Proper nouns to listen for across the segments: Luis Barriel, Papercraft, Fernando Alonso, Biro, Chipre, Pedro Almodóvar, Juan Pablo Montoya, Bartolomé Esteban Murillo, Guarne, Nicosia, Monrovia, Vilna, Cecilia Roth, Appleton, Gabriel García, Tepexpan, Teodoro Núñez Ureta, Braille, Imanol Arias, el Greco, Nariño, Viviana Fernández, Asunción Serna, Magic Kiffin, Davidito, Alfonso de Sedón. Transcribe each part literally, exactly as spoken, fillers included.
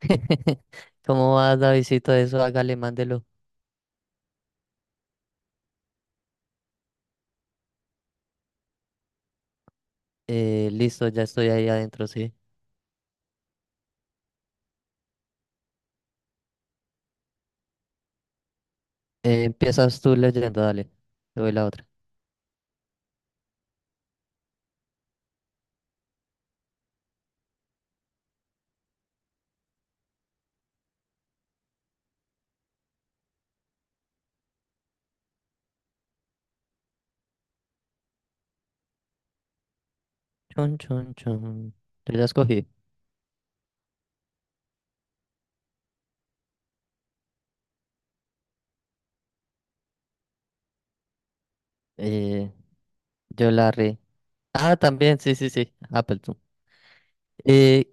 ¿Cómo vas, Davidito? Eso, hágale, mándelo. Eh, listo, ya estoy ahí adentro, sí. Eh, empiezas tú leyendo, dale. Te doy la otra. Chon, chon, chon. Yo ya escogí. Eh, yo la re. Ah, también, sí, sí, sí. Appleton. Eh,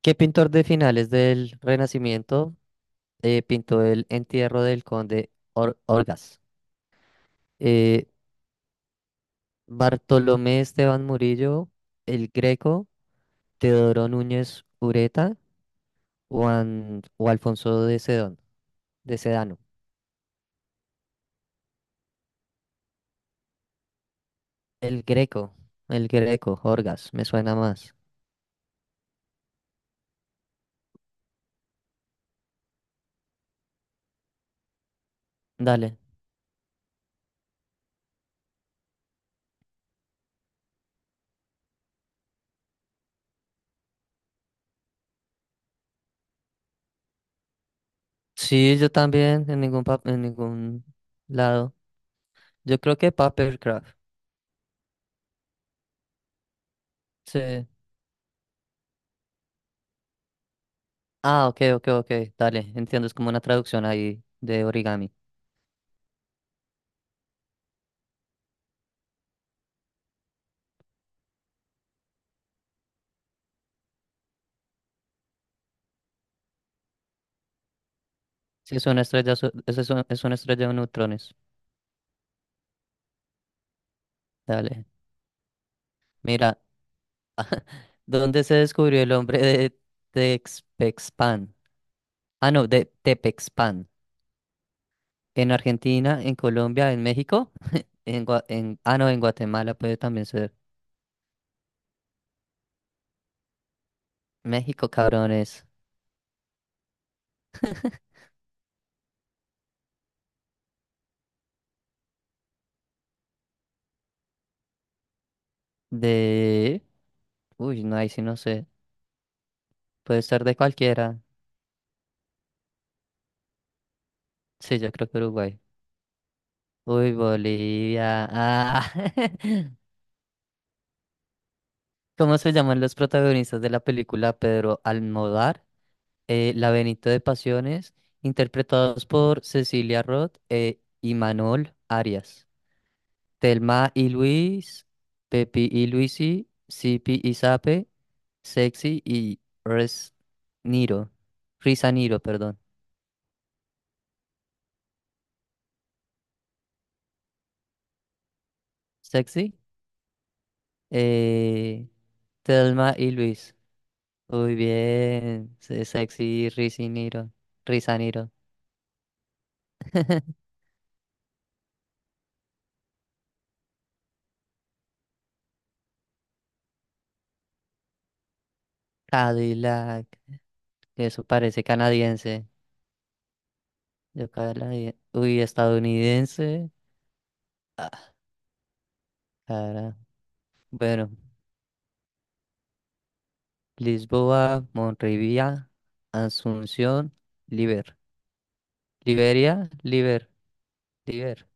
¿Qué pintor de finales del Renacimiento eh, pintó el entierro del conde Or- Orgaz? Eh, Bartolomé Esteban Murillo, el Greco. Teodoro Núñez Ureta o, An- o Alfonso de Sedón, de Sedano. El Greco, el Greco, Orgas, me suena más. Dale. Sí, yo también, en ningún pa- en ningún lado. Yo creo que Papercraft. Sí. Ah, ok, ok, ok. Dale, entiendo, es como una traducción ahí de origami. Sí, es una estrella, so- es, es una es una estrella de neutrones. Dale. Mira, ¿dónde se descubrió el hombre de Texpexpan? Ah, no, de Tepexpan. En Argentina, en Colombia, en México, en, Gua- en ah no, en Guatemala puede también ser. México, cabrones. De uy, no, ahí sí no sé. Puede ser de cualquiera. Sí, yo creo que Uruguay. Uy, Bolivia. Ah. ¿Cómo se llaman los protagonistas de la película Pedro Almodóvar? Eh, La Benito de Pasiones, interpretados por Cecilia Roth e Imanol Arias. Telma y Luis, Pepi y Luisi, Sipi y Sape, Sexy y Res Niro. Risa Niro, perdón. Sexy. Eh, Thelma y Luis. Muy bien. se- Sexy Risa Niro. Risa Niro. Cadillac. Eso parece canadiense. Yo canadien- Uy, estadounidense. Ah, cara. Bueno. Lisboa, Monrovia, Asunción, Liber. Liberia, Liber. Liber.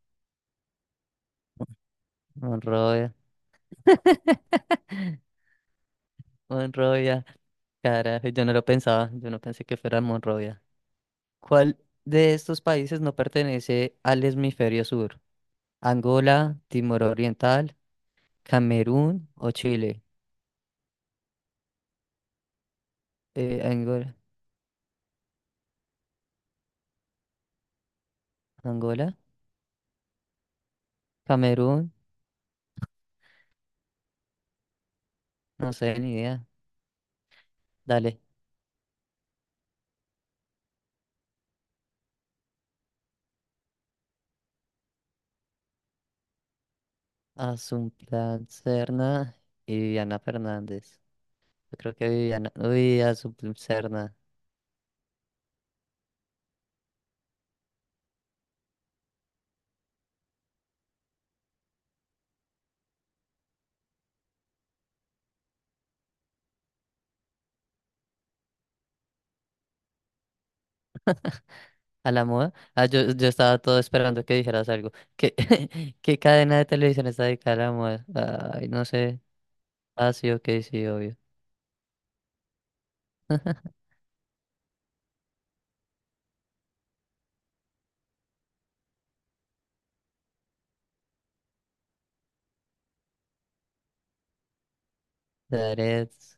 Monrovia. Monrovia, carajo, yo no lo pensaba, yo no pensé que fuera Monrovia. ¿Cuál de estos países no pertenece al hemisferio sur? ¿Angola, Timor Oriental, Camerún o Chile? Eh, Angola, Angola, Camerún, no sé, ni idea. Dale, Asunción Serna y Viviana Fernández. Yo creo que Viviana, uy, Asunción Serna. A la moda. Ah, yo, yo estaba todo esperando que dijeras algo. ¿Qué, qué cadena de televisión está dedicada a la moda? Ay, no sé. Ah, sí, ok, sí, obvio. Darets.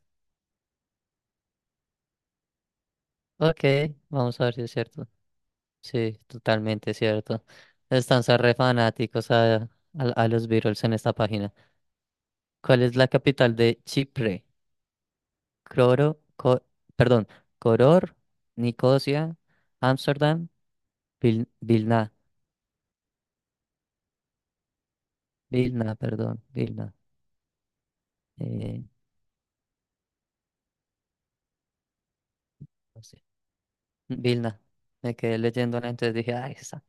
Ok, vamos a ver si es cierto. Sí, totalmente cierto. Están ser re fanáticos a, a, a los Beatles en esta página. ¿Cuál es la capital de Chipre? Coro, co- perdón, Coror, Nicosia, Ámsterdam, Vil- Vilna. Vilna, perdón, Vilna. Eh, Vilna. Me quedé leyendo, ¿no? Entonces dije, ah, esa.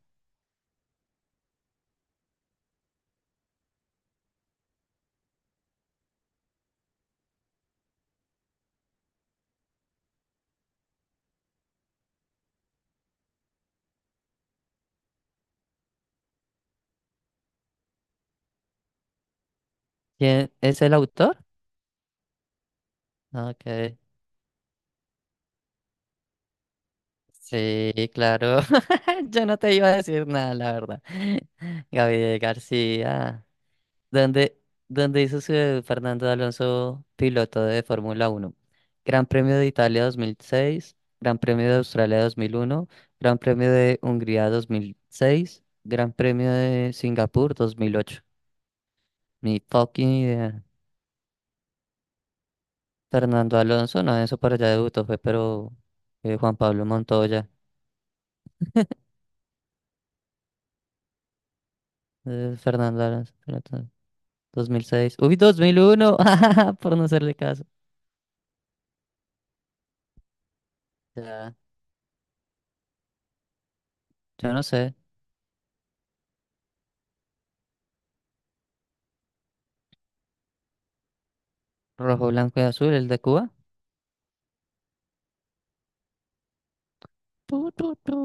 ¿Quién es el autor? No, ok. Sí, claro. Yo no te iba a decir nada, la verdad. Gabriel García. ¿Dónde, ¿Dónde hizo su debut Fernando Alonso, piloto de Fórmula Uno? Gran Premio de Italia dos mil seis, Gran Premio de Australia dos mil uno, Gran Premio de Hungría dos mil seis, Gran Premio de Singapur dos mil ocho. Ni fucking idea. Fernando Alonso, no, eso para allá debutó, fue, pero eh, Juan Pablo Montoya. eh, Fernando Alonso, espérate, dos mil seis. Uy, dos mil uno, por no hacerle caso. Ya, yo no sé. Rojo, blanco y azul, el de Cuba. Tu, tu, tu.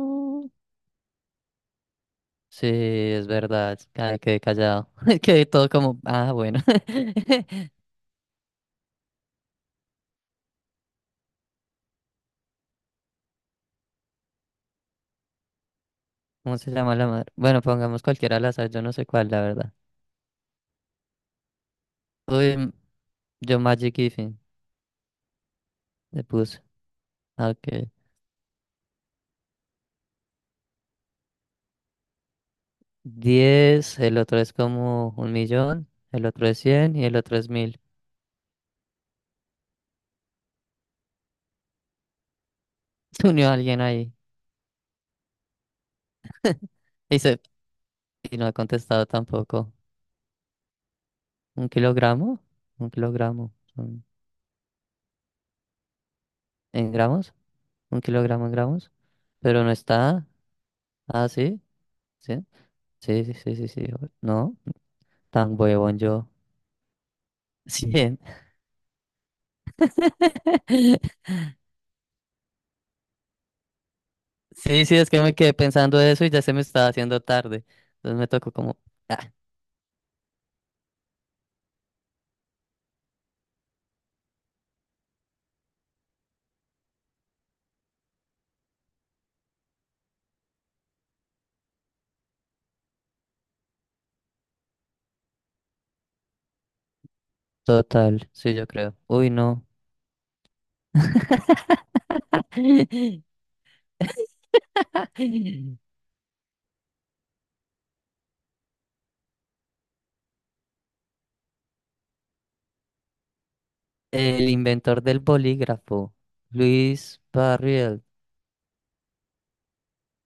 Sí, es verdad. Ca- quedé callado. Quedé todo como, ah, bueno. ¿Cómo se llama la madre? Bueno, pongamos cualquiera al azar, yo no sé cuál, la verdad. Uy, m- yo Magic Kiffin le puse. Ah, ok. Diez el otro, es como un millón, el otro es cien y el otro es mil. Se unió alguien ahí. Y, se- y no ha contestado tampoco. ¿Un kilogramo? Un kilogramo son- ¿en gramos? ¿Un kilogramo en gramos? Pero no está. Ah, sí. Sí, sí, sí, sí, sí, sí. No, tan huevón yo. cien. Sí, sí, es que me quedé pensando eso y ya se me estaba haciendo tarde. Entonces me tocó como... ah, total, sí, yo creo. Uy, no. El inventor del bolígrafo, Luis Barriel.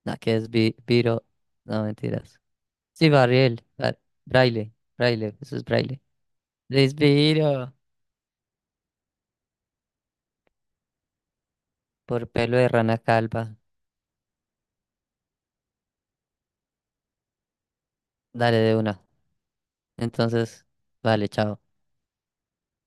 No, que es Bi- Biro. No, mentiras. Sí, Barriel. Ba- Braille. Braille. Eso es Braille. Luis Biro. Por pelo de rana calva. Dale de una. Entonces, vale, chao.